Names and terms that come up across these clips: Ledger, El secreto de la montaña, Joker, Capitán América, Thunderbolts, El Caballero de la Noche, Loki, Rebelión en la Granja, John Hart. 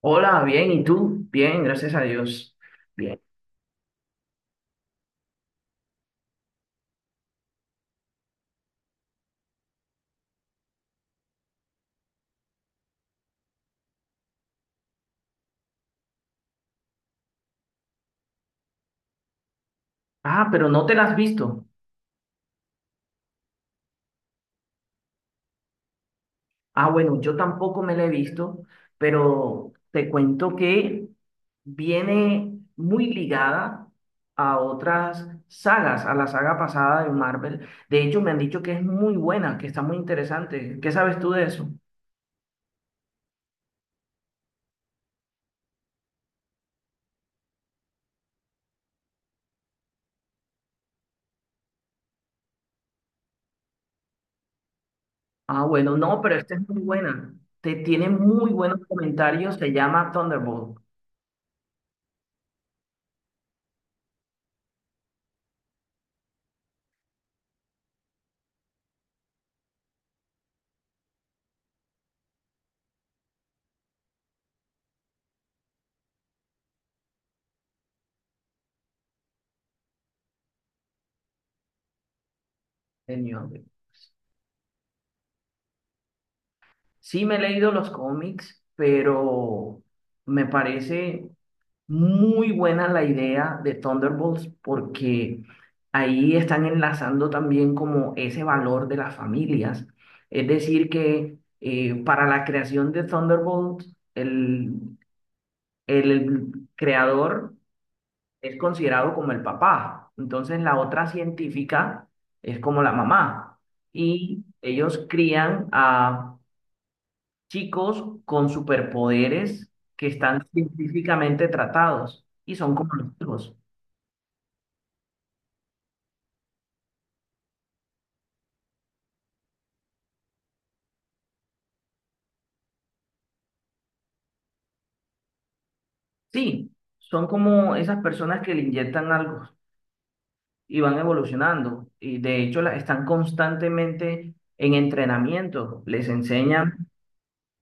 Hola, bien, ¿y tú? Bien, gracias a Dios. Bien. Ah, pero no te la has visto. Ah, bueno, yo tampoco me la he visto, pero te cuento que viene muy ligada a otras sagas, a la saga pasada de Marvel. De hecho, me han dicho que es muy buena, que está muy interesante. ¿Qué sabes tú de eso? Ah, bueno, no, pero esta es muy buena. Te tiene muy buenos comentarios. Se llama Thunderbolt, señor. Sí me he leído los cómics, pero me parece muy buena la idea de Thunderbolts porque ahí están enlazando también como ese valor de las familias. Es decir, que para la creación de Thunderbolts, el creador es considerado como el papá. Entonces la otra científica es como la mamá. Y ellos crían a chicos con superpoderes que están científicamente tratados y son como los hijos. Sí, son como esas personas que le inyectan algo y van evolucionando. Y de hecho están constantemente en entrenamiento. Les enseñan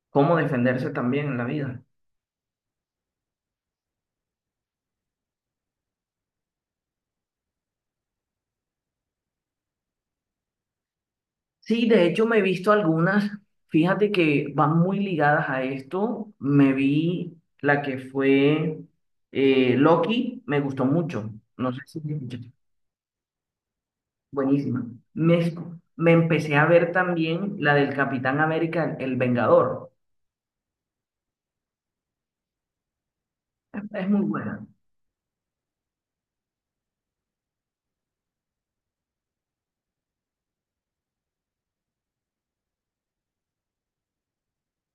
cómo defenderse también en la vida. Sí, de hecho me he visto algunas. Fíjate que van muy ligadas a esto. Me vi la que fue Loki, me gustó mucho. No sé si... Buenísima. Me, me empecé a ver también la del Capitán América, el Vengador. Es muy buena,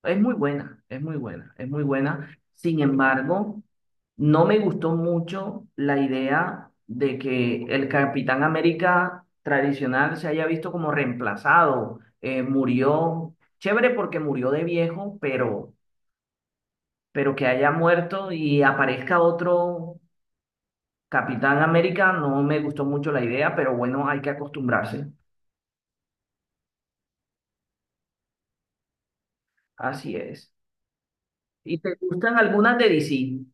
es muy buena, es muy buena, es muy buena. Sin embargo, no me gustó mucho la idea de que el Capitán América tradicional se haya visto como reemplazado. Murió, chévere porque murió de viejo, pero que haya muerto y aparezca otro Capitán América no me gustó mucho la idea, pero bueno, hay que acostumbrarse. Así es. ¿Y te gustan algunas de DC?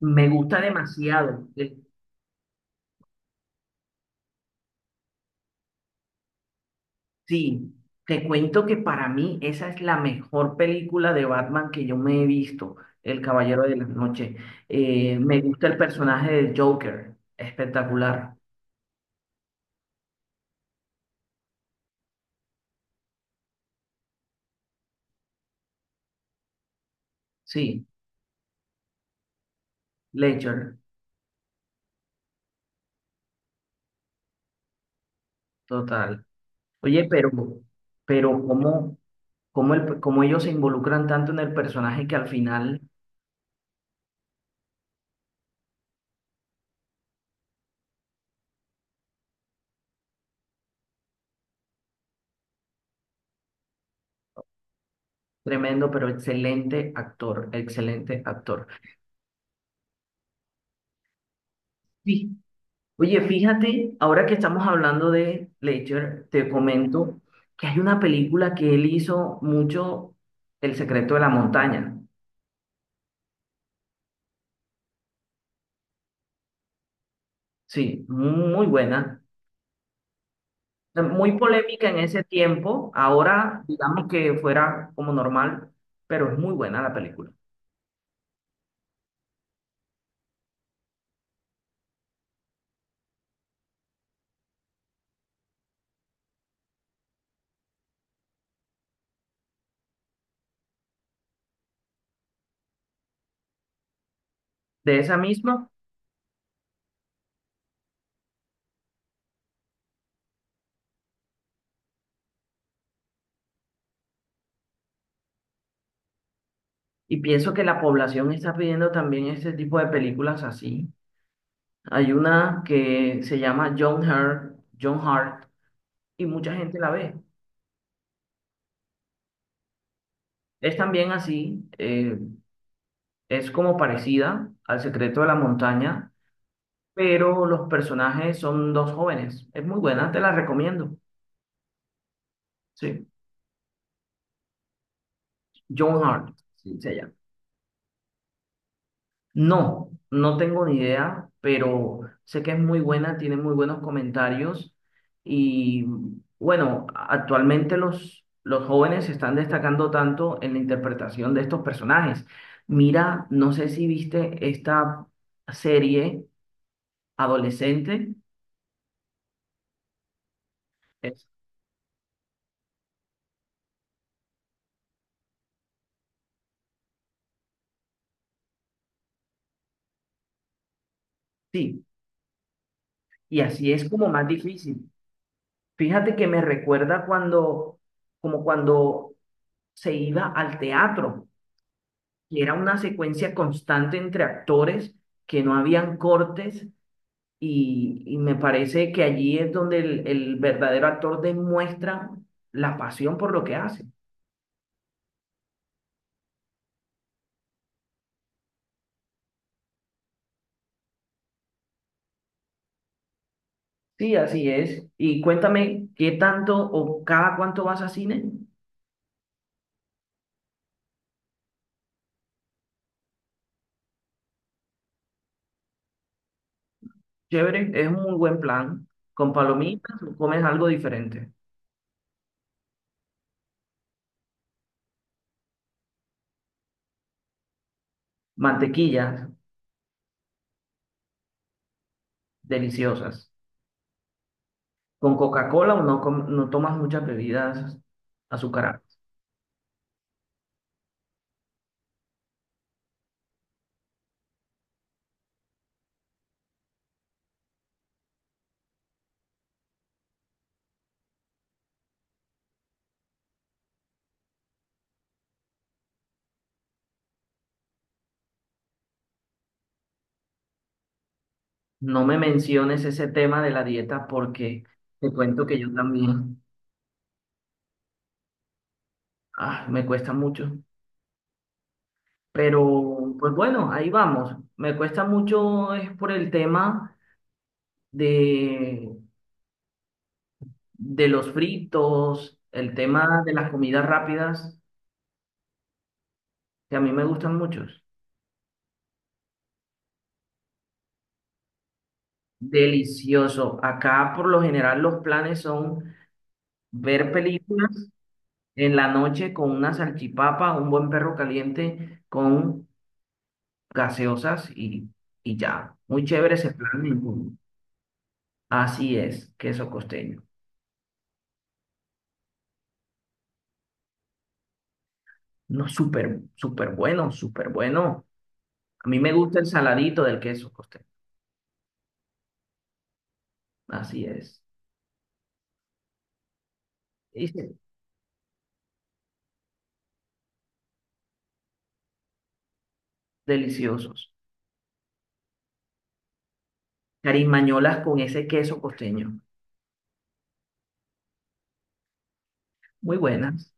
Me gusta demasiado. Sí, te cuento que para mí esa es la mejor película de Batman que yo me he visto, El Caballero de la Noche. Me gusta el personaje del Joker, espectacular. Sí, Ledger, total. Oye, pero cómo ellos se involucran tanto en el personaje que al final... Tremendo, pero excelente actor, excelente actor. Sí. Oye, fíjate, ahora que estamos hablando de Ledger, te comento que hay una película que él hizo mucho, El secreto de la montaña. Sí, muy buena, muy polémica en ese tiempo. Ahora, digamos que fuera como normal, pero es muy buena la película. De esa misma, y pienso que la población está pidiendo también ese tipo de películas así. Hay una que se llama John Hart, John Hart, y mucha gente la ve. Es también así, es como parecida al Secreto de la Montaña, pero los personajes son dos jóvenes. Es muy buena, te la recomiendo. Sí, John Hart, sí, se llama. No, no tengo ni idea, pero sé que es muy buena, tiene muy buenos comentarios y bueno, actualmente los jóvenes se están destacando tanto en la interpretación de estos personajes. Mira, no sé si viste esta serie adolescente. Es- sí, y así es como más difícil. Fíjate que me recuerda como cuando se iba al teatro. Y era una secuencia constante entre actores que no habían cortes y me parece que allí es donde el verdadero actor demuestra la pasión por lo que hace. Sí, así es. Y cuéntame, ¿qué tanto o cada cuánto vas a cine? Chévere, es un muy buen plan. Con palomitas o comes algo diferente. Mantequillas, deliciosas. Con Coca-Cola o no, no tomas muchas bebidas azucaradas. No me menciones ese tema de la dieta porque te cuento que yo también, ah, me cuesta mucho. Pero, pues bueno, ahí vamos. Me cuesta mucho es por el tema de, de los fritos, el tema de las comidas rápidas, que a mí me gustan muchos. Delicioso. Acá por lo general los planes son ver películas en la noche con una salchipapa, un buen perro caliente con gaseosas y ya. Muy chévere ese plan. Ninguno. Así es, queso costeño. No, súper, súper bueno, súper bueno. A mí me gusta el saladito del queso costeño. Así es. Y sí, deliciosos. Carimañolas con ese queso costeño. Muy buenas.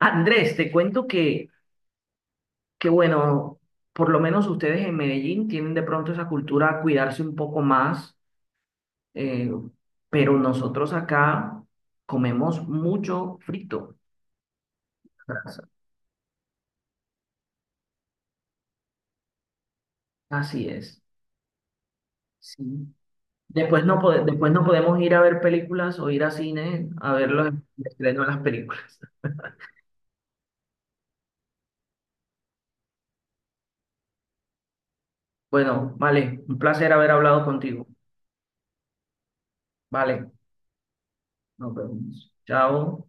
Andrés, te cuento que bueno, por lo menos ustedes en Medellín tienen de pronto esa cultura a cuidarse un poco más, eh, pero nosotros acá comemos mucho frito. Brazo. Así es. Sí. Después no podemos ir a ver películas o ir a cine a ver los estrenos de las películas. Bueno, vale, un placer haber hablado contigo. Vale, nos vemos. Chao.